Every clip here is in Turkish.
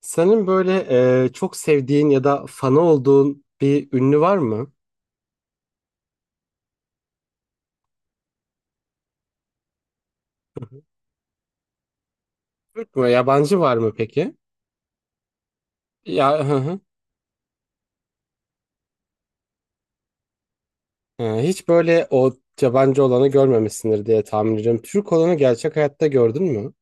Senin böyle çok sevdiğin ya da fanı olduğun bir ünlü var mı? Türk mü? Yabancı var mı peki? Ya hı hı. Hiç böyle o yabancı olanı görmemişsindir diye tahmin ediyorum. Türk olanı gerçek hayatta gördün mü?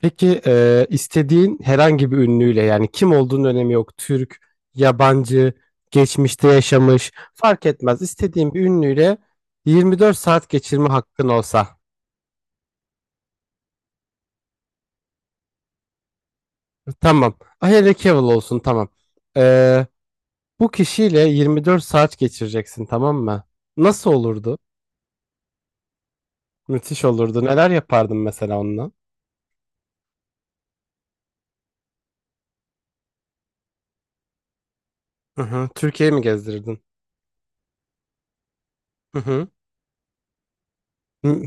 Peki istediğin herhangi bir ünlüyle yani kim olduğunun önemi yok. Türk, yabancı, geçmişte yaşamış fark etmez. İstediğin bir ünlüyle 24 saat geçirme hakkın olsa. Tamam. Ah, Henry Cavill olsun, tamam. Bu kişiyle 24 saat geçireceksin, tamam mı? Nasıl olurdu? Müthiş olurdu. Neler yapardın mesela onunla? Hı hı. Türkiye'yi mi gezdirirdin? Hı hı. Hı.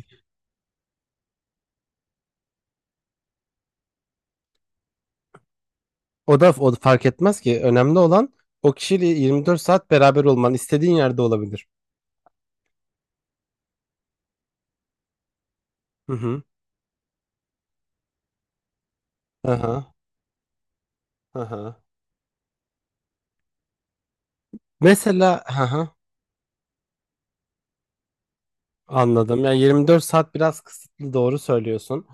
O da fark etmez ki. Önemli olan o kişiyle 24 saat beraber olman. İstediğin yerde olabilir. Hı hı. Hı hı. Hı hı. Mesela hı hı. Anladım. Yani 24 saat biraz kısıtlı, doğru söylüyorsun.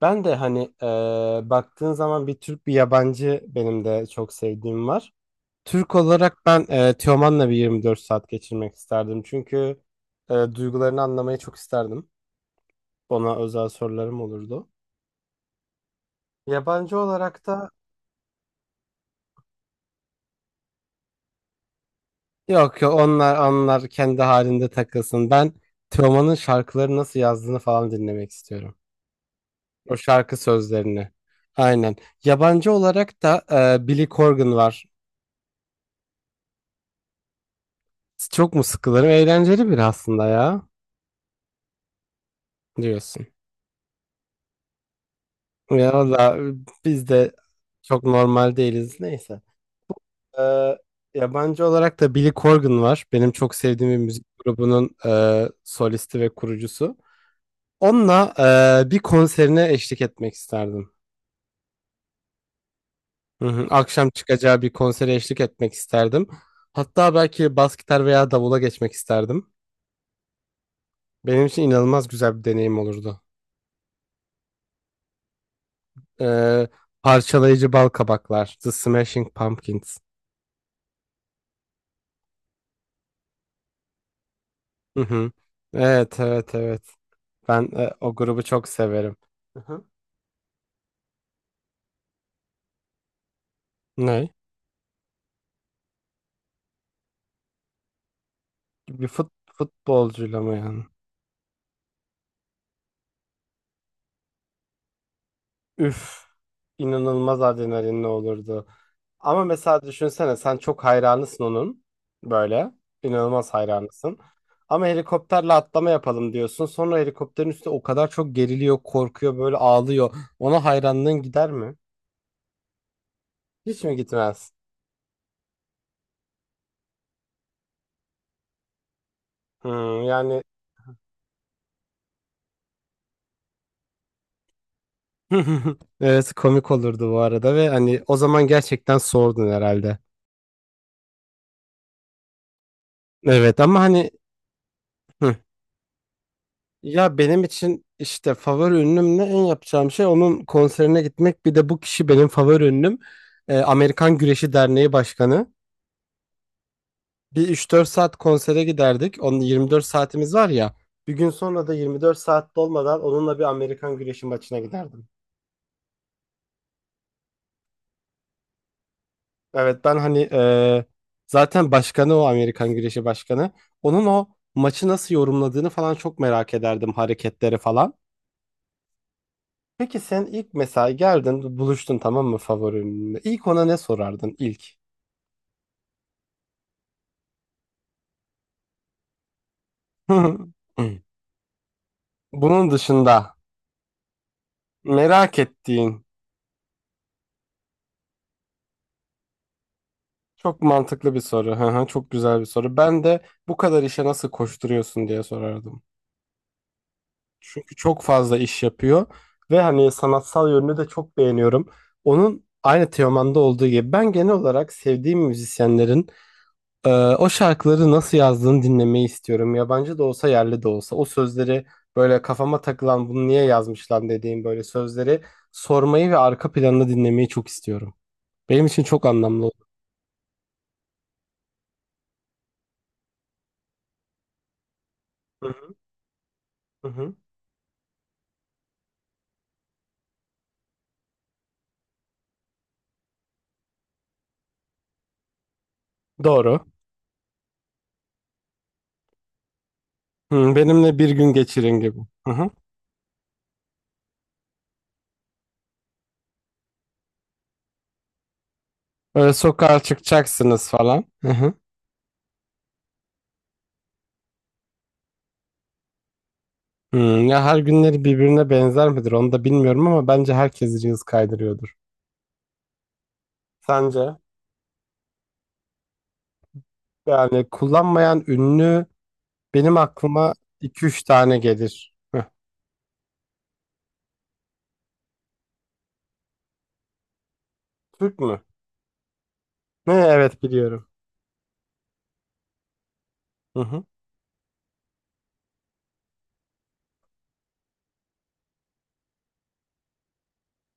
Ben de hani baktığın zaman bir Türk bir yabancı benim de çok sevdiğim var. Türk olarak ben Teoman'la bir 24 saat geçirmek isterdim. Çünkü duygularını anlamayı çok isterdim. Ona özel sorularım olurdu. Yabancı olarak da yok yok onlar kendi halinde takılsın. Ben Teoman'ın şarkıları nasıl yazdığını falan dinlemek istiyorum. O şarkı sözlerini. Aynen. Yabancı olarak da Billy Corgan var. Çok mu sıkılırım? Eğlenceli bir aslında ya diyorsun. Ya valla biz de çok normal değiliz. Neyse. Ee, yabancı olarak da Billy Corgan var. Benim çok sevdiğim bir müzik grubunun solisti ve kurucusu. Onunla bir konserine eşlik etmek isterdim. Hı hı. Akşam çıkacağı bir konsere eşlik etmek isterdim. Hatta belki bas gitar veya davula geçmek isterdim. Benim için inanılmaz güzel bir deneyim olurdu. Ee, parçalayıcı bal kabaklar, The Smashing Pumpkins. Hı hı. Evet, evet, evet. Ben o grubu çok severim. Hı hı. Ne? Futbolcuyla mı yani? Üf. İnanılmaz adrenalinli olurdu. Ama mesela düşünsene, sen çok hayranısın onun. Böyle. İnanılmaz hayranısın. Ama helikopterle atlama yapalım diyorsun. Sonra helikopterin üstü o kadar çok geriliyor, korkuyor, böyle ağlıyor. Ona hayranlığın gider mi? Hiç mi gitmez? Hmm, yani evet, komik olurdu bu arada ve hani o zaman gerçekten sordun herhalde. Evet ama hani, hı. Ya benim için işte favori ünlümle en yapacağım şey onun konserine gitmek. Bir de bu kişi benim favori ünlüm. Amerikan Güreşi Derneği Başkanı. Bir 3-4 saat konsere giderdik. Onun 24 saatimiz var ya. Bir gün sonra da 24 saat dolmadan onunla bir Amerikan Güreşi maçına giderdim. Evet ben hani zaten başkanı o, Amerikan Güreşi Başkanı. Onun o maçı nasıl yorumladığını falan çok merak ederdim, hareketleri falan. Peki sen ilk mesela geldin, buluştun, tamam mı favorinle? İlk ona ne sorardın ilk? Bunun dışında merak ettiğin, çok mantıklı bir soru. Hı hı. Çok güzel bir soru. Ben de bu kadar işe nasıl koşturuyorsun diye sorardım. Çünkü çok fazla iş yapıyor ve hani sanatsal yönünü de çok beğeniyorum. Onun aynı Teoman'da olduğu gibi, ben genel olarak sevdiğim müzisyenlerin Ee, o şarkıları nasıl yazdığını dinlemeyi istiyorum. Yabancı da olsa yerli de olsa. O sözleri, böyle kafama takılan bunu niye yazmış lan dediğim böyle sözleri sormayı ve arka planını dinlemeyi çok istiyorum. Benim için çok anlamlı oldu. Hı hı. Hı hı. Doğru. Hı, benimle bir gün geçirin gibi. Hı hı. Böyle sokağa çıkacaksınız falan. Hı hı. Hı, ya her günleri birbirine benzer midir onu da bilmiyorum ama bence herkes Reels kaydırıyordur. Sence? Yani kullanmayan ünlü. Benim aklıma iki üç tane gelir. Heh, Türk mü? Ne, evet biliyorum. Hı hı.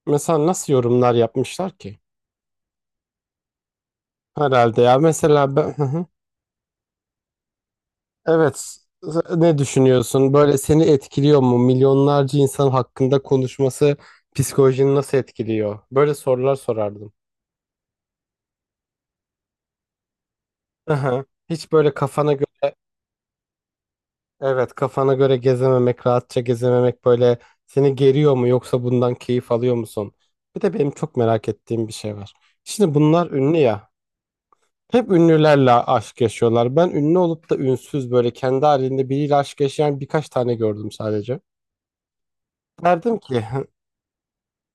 Mesela nasıl yorumlar yapmışlar ki? Herhalde, ya mesela ben, hı hı. Evet, ne düşünüyorsun? Böyle seni etkiliyor mu? Milyonlarca insan hakkında konuşması psikolojini nasıl etkiliyor? Böyle sorular sorardım. Hı. Hiç böyle kafana göre. Evet, kafana göre gezememek, rahatça gezememek, böyle seni geriyor mu yoksa bundan keyif alıyor musun? Bir de benim çok merak ettiğim bir şey var. Şimdi bunlar ünlü ya. Hep ünlülerle aşk yaşıyorlar. Ben ünlü olup da ünsüz böyle kendi halinde biriyle aşk yaşayan birkaç tane gördüm sadece. Derdim ki, "He,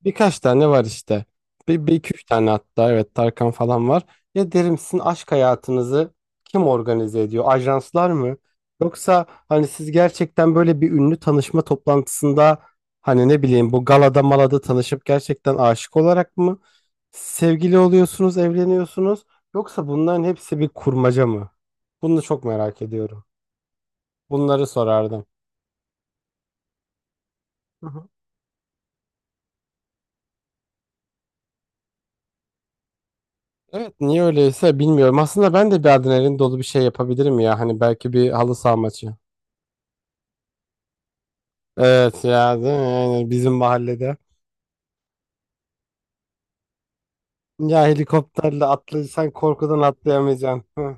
birkaç tane var işte. Bir, bir iki üç tane, hatta evet Tarkan falan var. Ya derim, sizin aşk hayatınızı kim organize ediyor? Ajanslar mı? Yoksa hani siz gerçekten böyle bir ünlü tanışma toplantısında, hani ne bileyim bu galada malada tanışıp gerçekten aşık olarak mı sevgili oluyorsunuz, evleniyorsunuz? Yoksa bunların hepsi bir kurmaca mı?" Bunu çok merak ediyorum. Bunları sorardım. Evet niye öyleyse bilmiyorum. Aslında ben de bir adrenalin dolu bir şey yapabilirim ya. Hani belki bir halı saha maçı. Evet ya, değil mi? Yani bizim mahallede. Ya helikopterle atlayırsan korkudan atlayamayacaksın. Hı,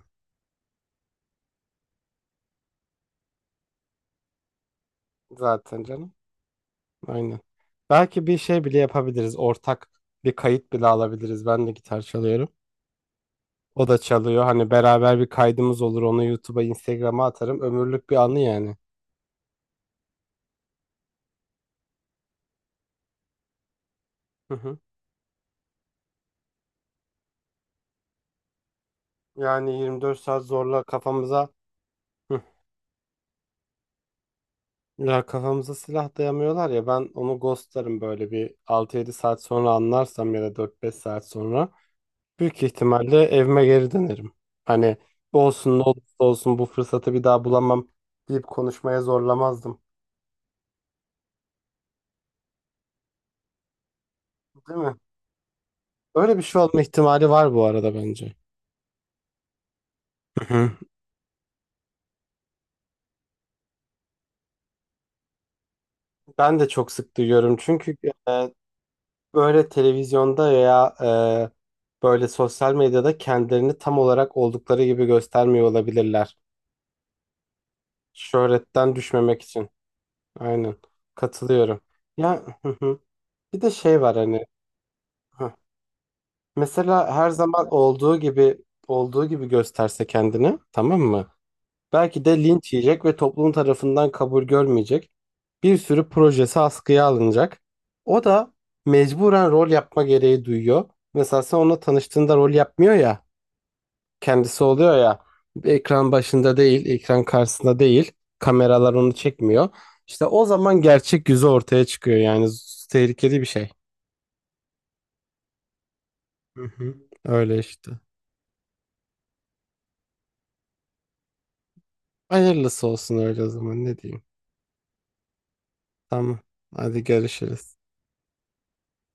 zaten canım. Aynen. Belki bir şey bile yapabiliriz. Ortak bir kayıt bile alabiliriz. Ben de gitar çalıyorum. O da çalıyor. Hani beraber bir kaydımız olur. Onu YouTube'a, Instagram'a atarım. Ömürlük bir anı yani. Hı hı. Yani 24 saat zorla kafamıza. Hı. Ya kafamıza silah dayamıyorlar ya, ben onu ghostlarım böyle bir 6-7 saat sonra anlarsam ya da 4-5 saat sonra büyük ihtimalle evime geri dönerim. Hani olsun ne olursa olsun bu fırsatı bir daha bulamam deyip konuşmaya zorlamazdım. Değil mi? Öyle bir şey olma ihtimali var bu arada bence. Hı hı. Ben de çok sık duyuyorum çünkü e, böyle televizyonda ya böyle sosyal medyada kendilerini tam olarak oldukları gibi göstermiyor olabilirler. Şöhretten düşmemek için. Aynen. Katılıyorum. Ya hı hı. Bir de şey var hani, hah. Mesela her zaman olduğu gibi olduğu gibi gösterse kendini, tamam mı? Belki de linç yiyecek ve toplum tarafından kabul görmeyecek. Bir sürü projesi askıya alınacak. O da mecburen rol yapma gereği duyuyor. Mesela sen onunla tanıştığında rol yapmıyor ya. Kendisi oluyor ya, ekran başında değil, ekran karşısında değil. Kameralar onu çekmiyor. İşte o zaman gerçek yüzü ortaya çıkıyor yani tehlikeli bir şey. Hı hı. Öyle işte. Hayırlısı olsun öyle, o zaman ne diyeyim. Tamam. Hadi görüşürüz.